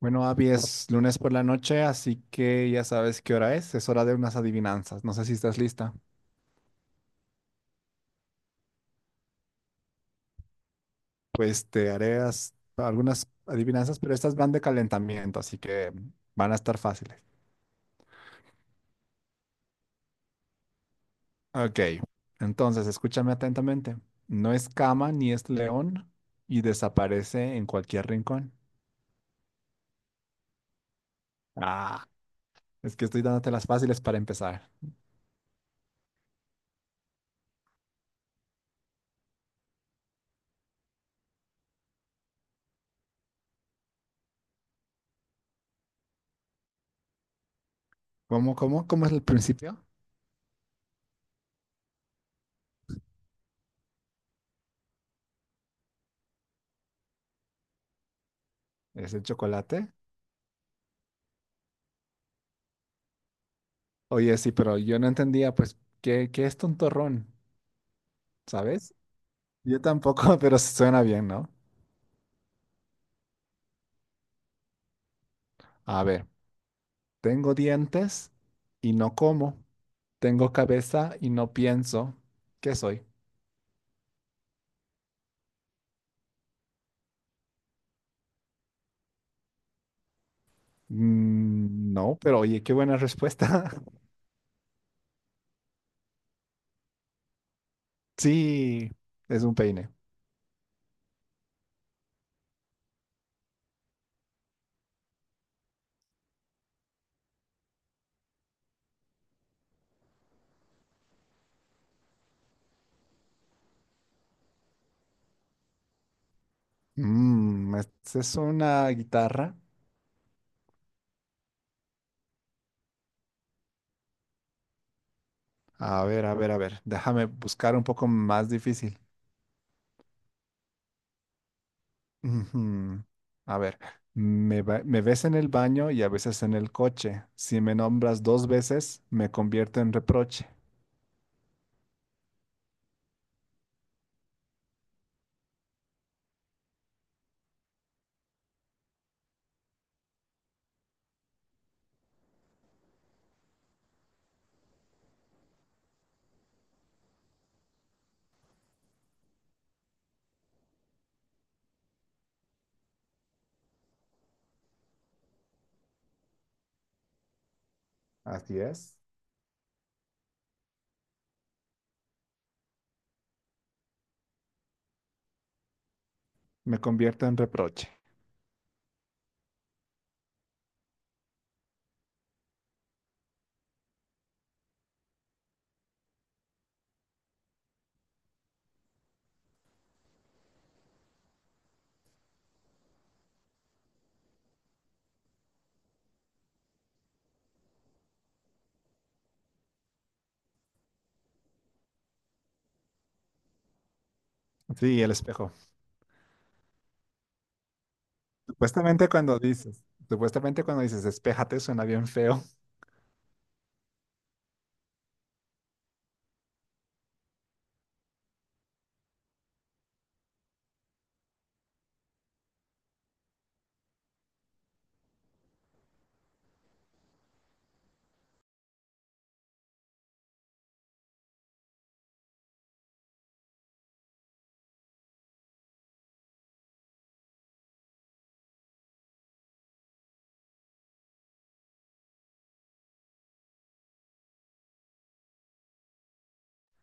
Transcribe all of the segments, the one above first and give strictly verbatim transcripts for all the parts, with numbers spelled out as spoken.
Bueno, Abby, es lunes por la noche, así que ya sabes qué hora es. Es hora de unas adivinanzas. No sé si estás lista. Pues te haré as- algunas adivinanzas, pero estas van de calentamiento, así que van a estar fáciles. Ok, entonces escúchame atentamente. No es cama ni es león y desaparece en cualquier rincón. Ah, es que estoy dándote las fáciles para empezar. ¿Cómo, cómo, cómo es el principio? ¿Es el chocolate? Oye, sí, pero yo no entendía, pues, ¿qué, qué es tontorrón? ¿Sabes? Yo tampoco, pero sí suena bien, ¿no? A ver, tengo dientes y no como. Tengo cabeza y no pienso. ¿Qué soy? Mm, no, pero oye, qué buena respuesta. Sí, es un peine. Mm, ¿es es una guitarra? A ver, a ver, a ver. Déjame buscar un poco más difícil. Ujú. A ver, me, ba- me ves en el baño y a veces en el coche. Si me nombras dos veces, me convierto en reproche. Así es. Me convierto en reproche. Sí, el espejo. Supuestamente cuando dices, supuestamente cuando dices, espéjate, suena bien feo.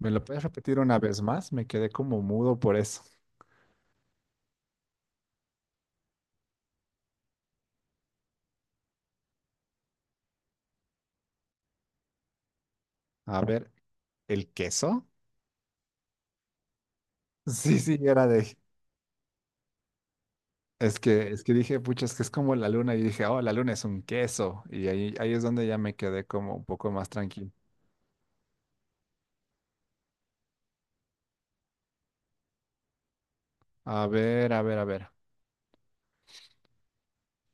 ¿Me lo puedes repetir una vez más? Me quedé como mudo por eso. A ver, ¿el queso? Sí, sí, era de... Es que, es que dije, pucha, es que es como la luna. Y dije, oh, la luna es un queso. Y ahí, ahí es donde ya me quedé como un poco más tranquilo. A ver, a ver, a ver.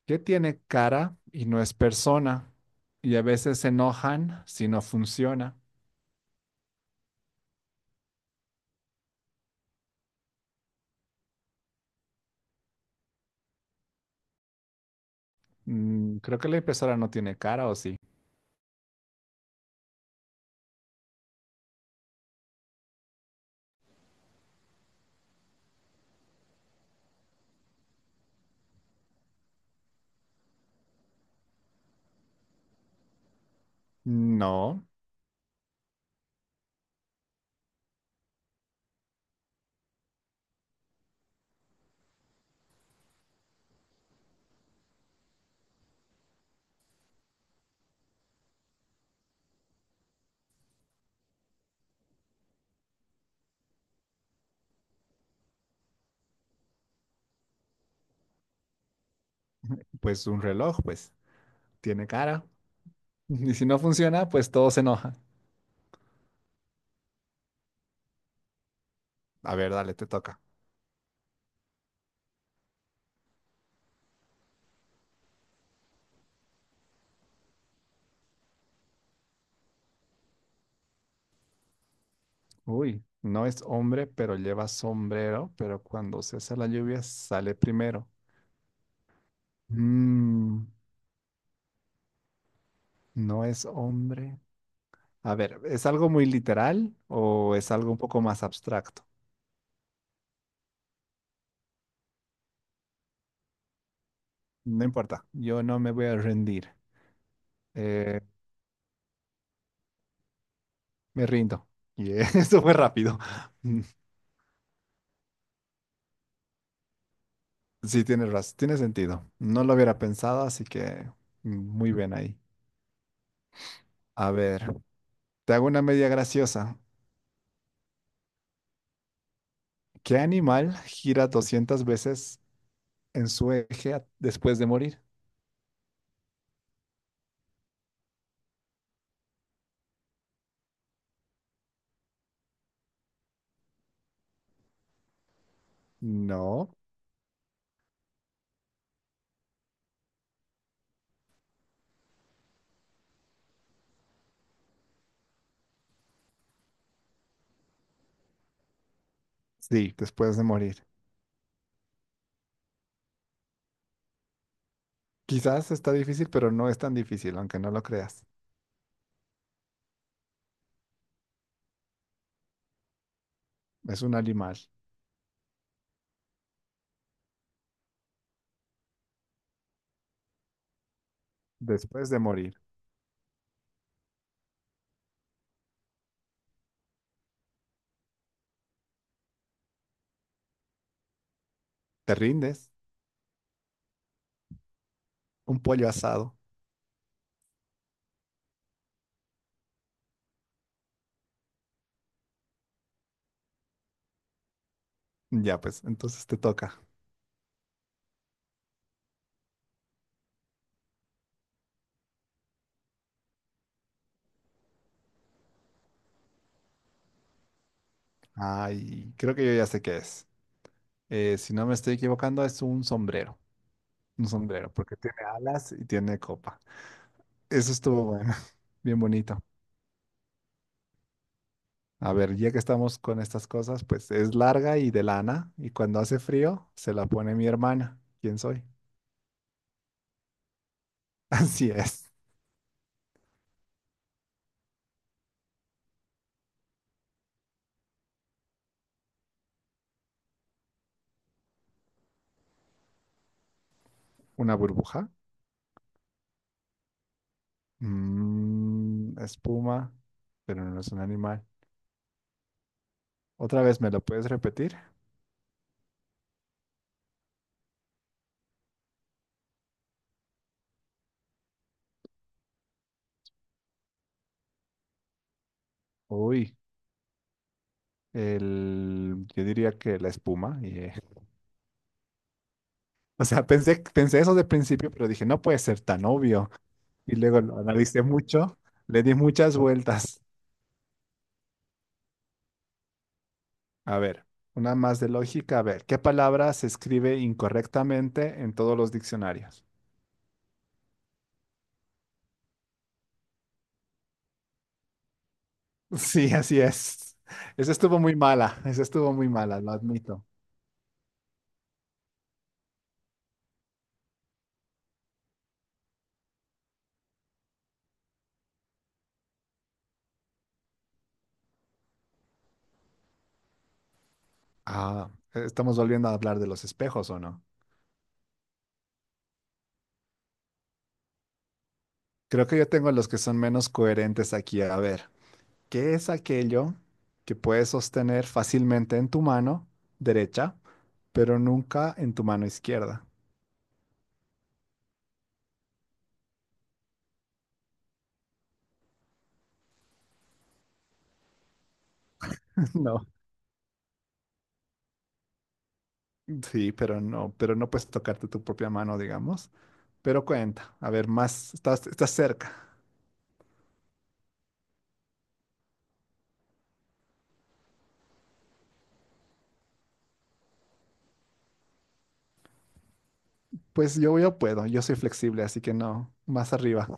¿Qué tiene cara y no es persona? Y a veces se enojan si no funciona. Mm, creo que la impresora no tiene cara, ¿o sí? No, pues un reloj, pues tiene cara. Y si no funciona, pues todo se enoja. A ver, dale, te toca. Uy, no es hombre, pero lleva sombrero, pero cuando se hace la lluvia sale primero. Mm, no es hombre. A ver, ¿es algo muy literal o es algo un poco más abstracto? No importa, yo no me voy a rendir. Eh, Me rindo. Y esto fue rápido. Sí, tienes razón, tiene sentido. No lo hubiera pensado, así que muy bien ahí. A ver, te hago una media graciosa. ¿Qué animal gira doscientas veces en su eje a- después de morir? No, sí, después de morir. Quizás está difícil, pero no es tan difícil, aunque no lo creas. Es un animal después de morir. ¿Te rindes? Un pollo asado. Ya, pues, entonces te toca. Ay, creo que yo ya sé qué es. Eh, si no me estoy equivocando, es un sombrero. Un sombrero, porque tiene alas y tiene copa. Eso estuvo bueno, bien bonito. A ver, ya que estamos con estas cosas, pues es larga y de lana, y cuando hace frío se la pone mi hermana. ¿Quién soy? Así es. Una burbuja. Mm, espuma, pero no es un animal. Otra vez, ¿me lo puedes repetir? Uy, el, yo diría que la espuma. Y, eh, o sea, pensé, pensé eso de principio, pero dije, no puede ser tan obvio. Y luego lo analicé mucho, le di muchas vueltas. A ver, una más de lógica. A ver, ¿qué palabra se escribe incorrectamente en todos los diccionarios? Sí, así es. Esa estuvo muy mala, esa estuvo muy mala, lo admito. Ah, estamos volviendo a hablar de los espejos, ¿o no? Creo que yo tengo los que son menos coherentes aquí. A ver, ¿qué es aquello que puedes sostener fácilmente en tu mano derecha, pero nunca en tu mano izquierda? No. Sí, pero no, pero no puedes tocarte tu propia mano, digamos. Pero cuenta, a ver, más, estás, estás cerca. Pues yo, yo puedo, yo soy flexible, así que no, más arriba.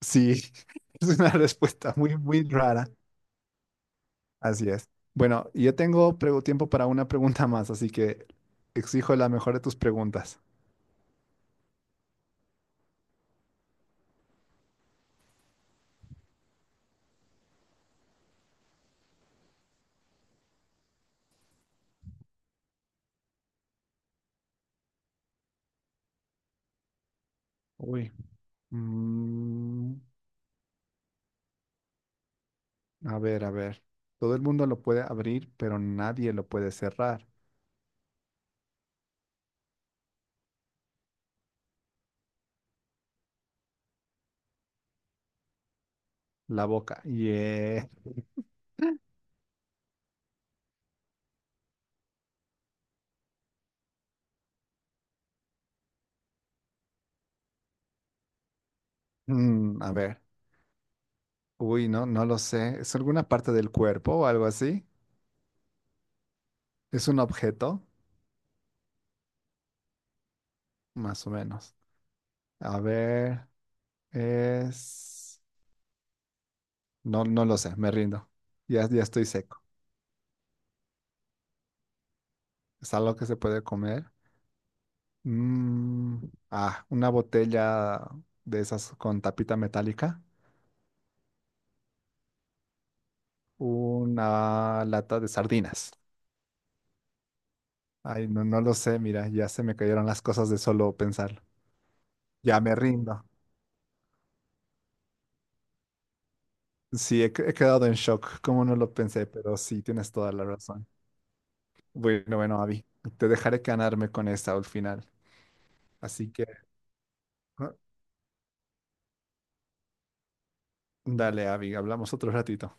Sí, es una respuesta muy, muy rara. Así es. Bueno, y yo tengo pregu- tiempo para una pregunta más, así que exijo la mejor de tus preguntas. Uy. Mm, a ver, a ver. Todo el mundo lo puede abrir, pero nadie lo puede cerrar. La boca. Yeah. Mm, a ver. Uy, no, no lo sé. ¿Es alguna parte del cuerpo o algo así? ¿Es un objeto? Más o menos. A ver, es... No, no lo sé, me rindo. Ya, ya estoy seco. ¿Es algo que se puede comer? Mm, ah, una botella de esas con tapita metálica. Una lata de sardinas. Ay, no, no lo sé, mira, ya se me cayeron las cosas de solo pensarlo. Ya me rindo. Sí, he, he quedado en shock. ¿Cómo no lo pensé? Pero sí, tienes toda la razón. Bueno, bueno, Abby, te dejaré ganarme con esta al final. Así que, ah, dale, Abby, hablamos otro ratito.